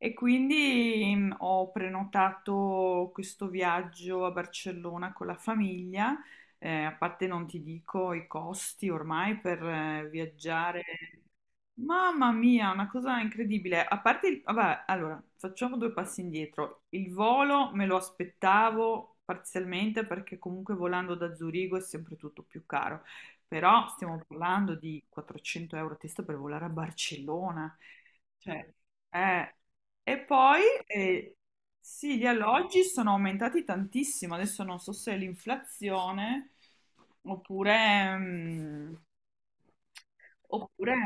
E quindi ho prenotato questo viaggio a Barcellona con la famiglia. A parte non ti dico i costi ormai per viaggiare. Mamma mia, una cosa incredibile. A parte, vabbè, allora, facciamo due passi indietro. Il volo me lo aspettavo parzialmente perché comunque volando da Zurigo è sempre tutto più caro. Però stiamo parlando di 400 euro a testa per volare a Barcellona. Cioè, eh, e poi sì, gli alloggi sono aumentati tantissimo. Adesso non so se è l'inflazione oppure, mm, oppure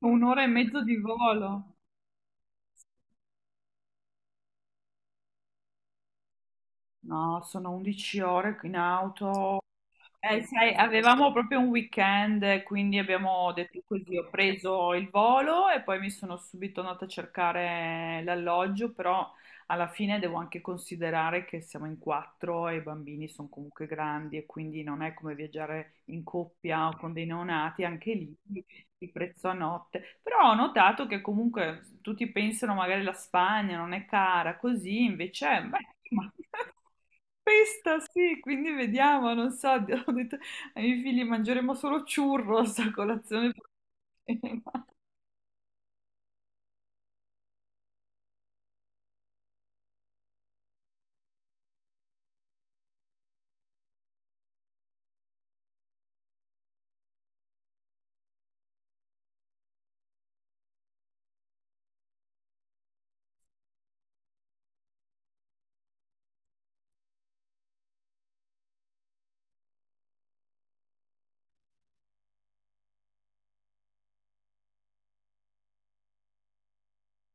un'ora e mezzo di volo. No, sono 11 ore in auto. Sai, avevamo proprio un weekend, quindi abbiamo detto così, ho preso il volo e poi mi sono subito andata a cercare l'alloggio, però alla fine devo anche considerare che siamo in quattro e i bambini sono comunque grandi e quindi non è come viaggiare in coppia o con dei neonati, anche lì il prezzo a notte, però ho notato che comunque tutti pensano magari la Spagna non è cara, così invece, è, beh, ma- questa sì, quindi vediamo, non so, ho detto ai miei figli mangeremo solo churros a colazione.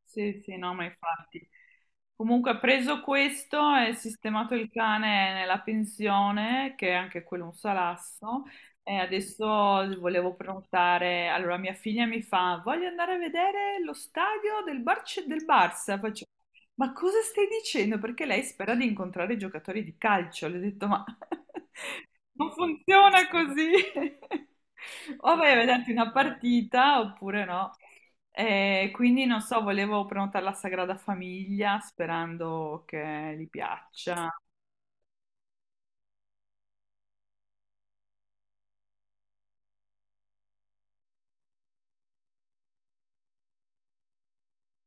Sì, sì, no, ma infatti. Comunque, ha preso questo e sistemato il cane nella pensione, che è anche quello è un salasso. E adesso volevo prenotare. Allora, mia figlia mi fa: Voglio andare a vedere lo stadio del Barça. Faccio, ma cosa stai dicendo? Perché lei spera di incontrare i giocatori di calcio. Le ho detto: Ma non funziona così. O vai a vederti una partita oppure no. E quindi non so, volevo prenotare la Sagrada Famiglia sperando che gli piaccia.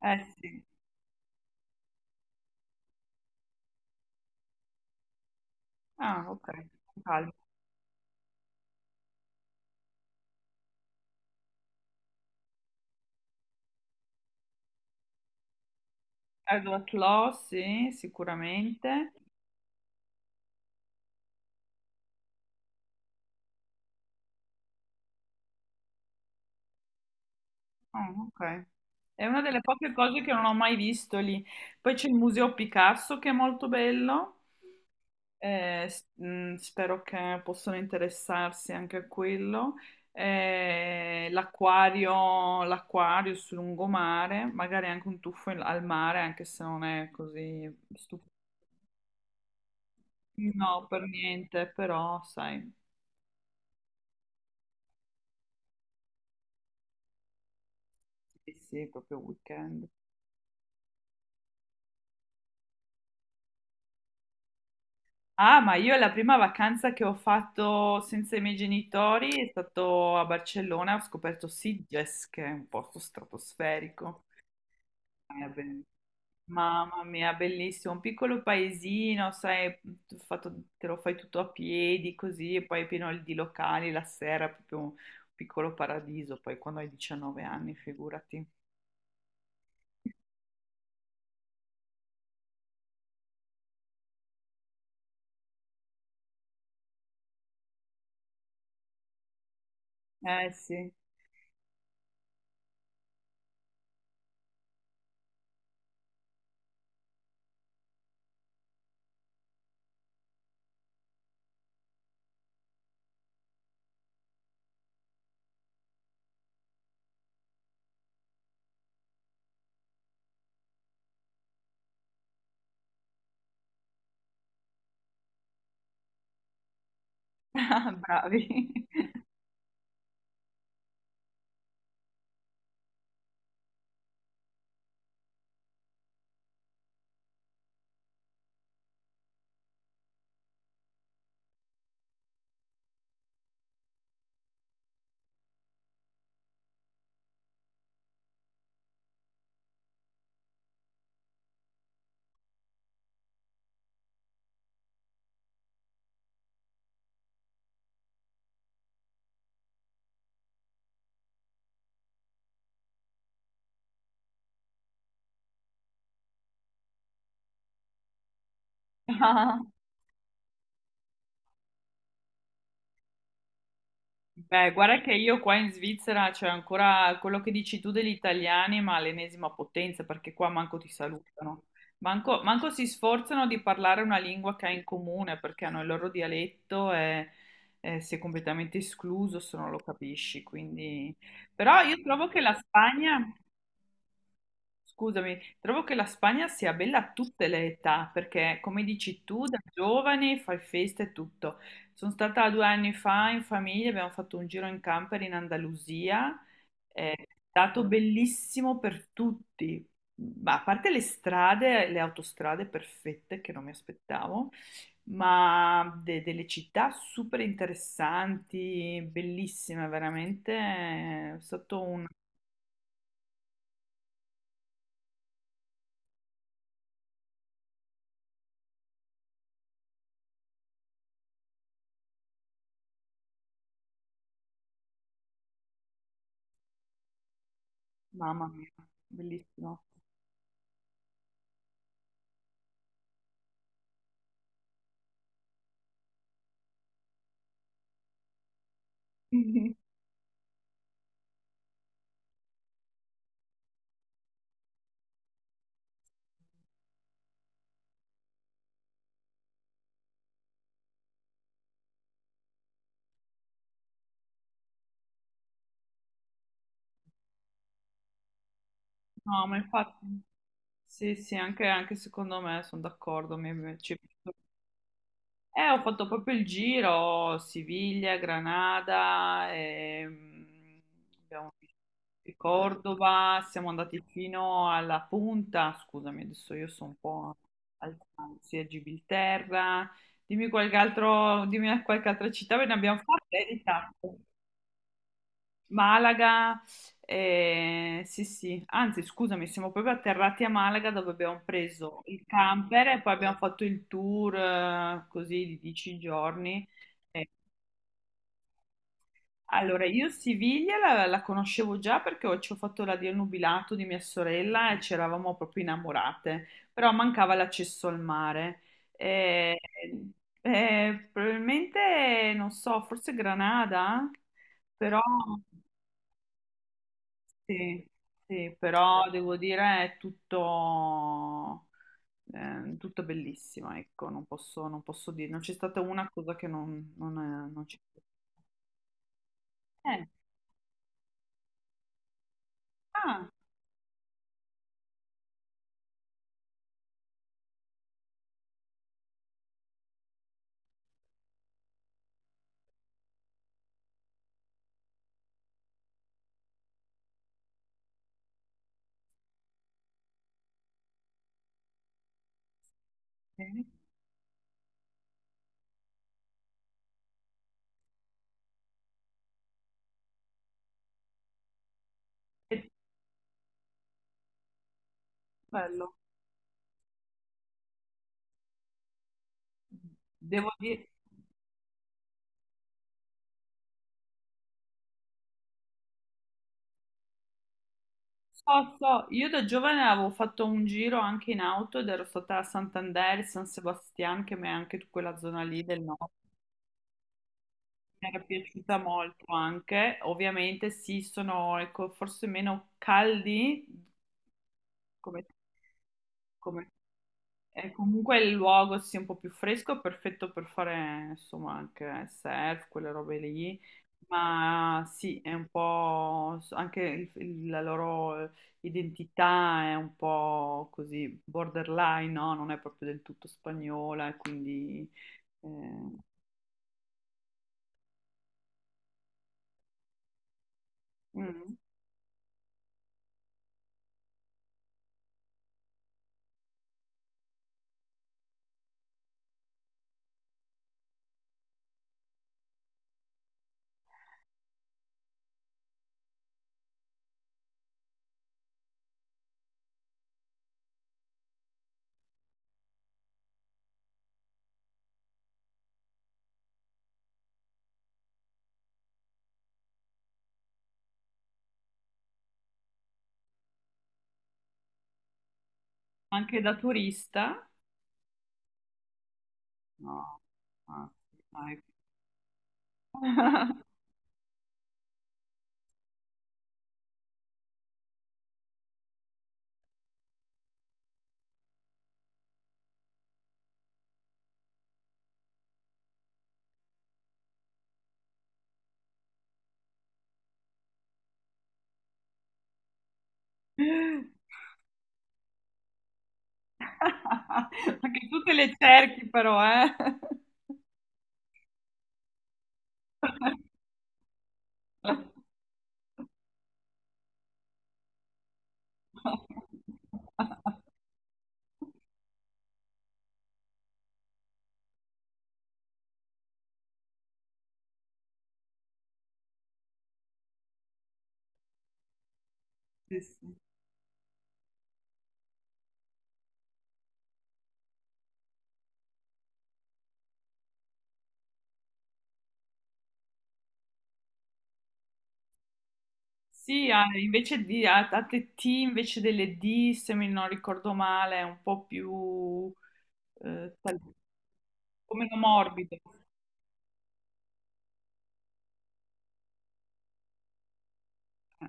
Eh sì, ah, ok, calma. Edward Law, sì, sicuramente. Oh, ok. È una delle poche cose che non ho mai visto lì. Poi c'è il Museo Picasso che è molto bello. Spero che possano interessarsi anche a quello. L'acquario, l'acquario sul lungomare, magari anche un tuffo al mare, anche se non è così stupendo. No, per niente, però sai, sì, sì, proprio weekend. Ah, ma io la prima vacanza che ho fatto senza i miei genitori è stato a Barcellona, ho scoperto Sitges, che è un posto stratosferico. Eh, be- Mamma mia, bellissimo, un piccolo paesino, sai, te lo fai tutto a piedi così, e poi pieno di locali la sera, proprio un piccolo paradiso, poi quando hai 19 anni, figurati. Eh sì, bravi. Beh, guarda che io qua in Svizzera c'è ancora quello che dici tu degli italiani, ma l'ennesima potenza, perché qua manco ti salutano, manco si sforzano di parlare una lingua che hai in comune, perché hanno il loro dialetto e sei completamente escluso se non lo capisci. Quindi... Però io trovo che la Spagna... Scusami, trovo che la Spagna sia bella a tutte le età, perché come dici tu, da giovani fai festa e tutto. Sono stata 2 anni fa in famiglia, abbiamo fatto un giro in camper in Andalusia, è stato bellissimo per tutti, ma a parte le strade, le autostrade perfette che non mi aspettavo, ma delle città super interessanti, bellissime veramente, è stato un... Mamma mia, bellissimo. No, ma infatti, sì, sì, anche, anche secondo me sono d'accordo. Ho fatto proprio il giro, Siviglia, Granada, abbiamo visto Cordova, siamo andati fino alla punta, scusami, adesso io sono un po' al sì, a Gibilterra, dimmi qualche altro, dimmi qualche altra città, ve ne abbiamo fatte di tappe. Malaga, sì, sì, anzi, scusami, siamo proprio atterrati a Malaga dove abbiamo preso il camper e poi abbiamo fatto il tour così di 10 giorni. Eh, allora, io Siviglia la conoscevo già perché ci ho fatto la Dio nubilato di mia sorella e ci eravamo proprio innamorate, però mancava l'accesso al mare. Eh, probabilmente, non so, forse Granada, però. Sì, sì, però devo dire è tutto, tutto bellissimo, ecco, non posso, non posso dire, non c'è stata una cosa che non c'è. Eh, ah, sì, è bello. Devo dire, so, so, io da giovane avevo fatto un giro anche in auto ed ero stata a Santander, San Sebastian, che mi è anche quella zona lì del nord. Mi era piaciuta molto anche, ovviamente sì, sono ecco, forse meno caldi come, come- e comunque il luogo sia un po' più fresco è perfetto per fare insomma anche surf, quelle robe lì, ma sì, è un po' anche la loro identità è un po' così borderline, no? Non è proprio del tutto spagnola, e quindi eh, mm. Anche da turista, no, ah, sì, dai. Anche tu te le cerchi però, eh? Sì, sì. Sì, invece di T invece delle D, se mi non ricordo male, è un po' più un po' meno morbido. Eh,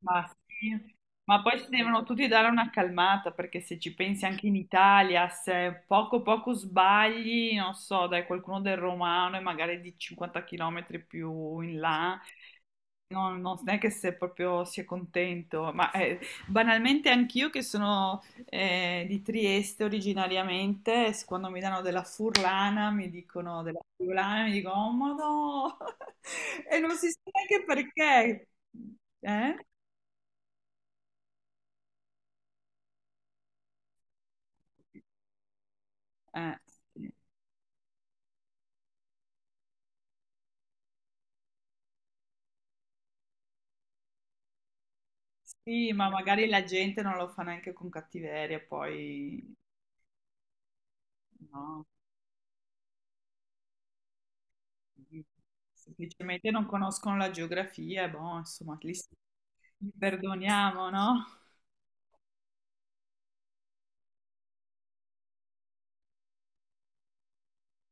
Ma, sì. Ma poi si devono tutti dare una calmata, perché se ci pensi anche in Italia, se poco poco sbagli, non so, dai qualcuno del romano e magari di 50 km più in là. No, no, no, non è che se proprio si è contento, ma banalmente anch'io che sono di Trieste originariamente, quando mi danno della furlana, mi dicono della friulana, mi dicono, oh ma no, e non si sa neanche perché. Eh? Eh, sì, sì, ma magari la gente non lo fa neanche con cattiveria, poi no, semplicemente non conoscono la geografia, boh, insomma, li perdoniamo, no?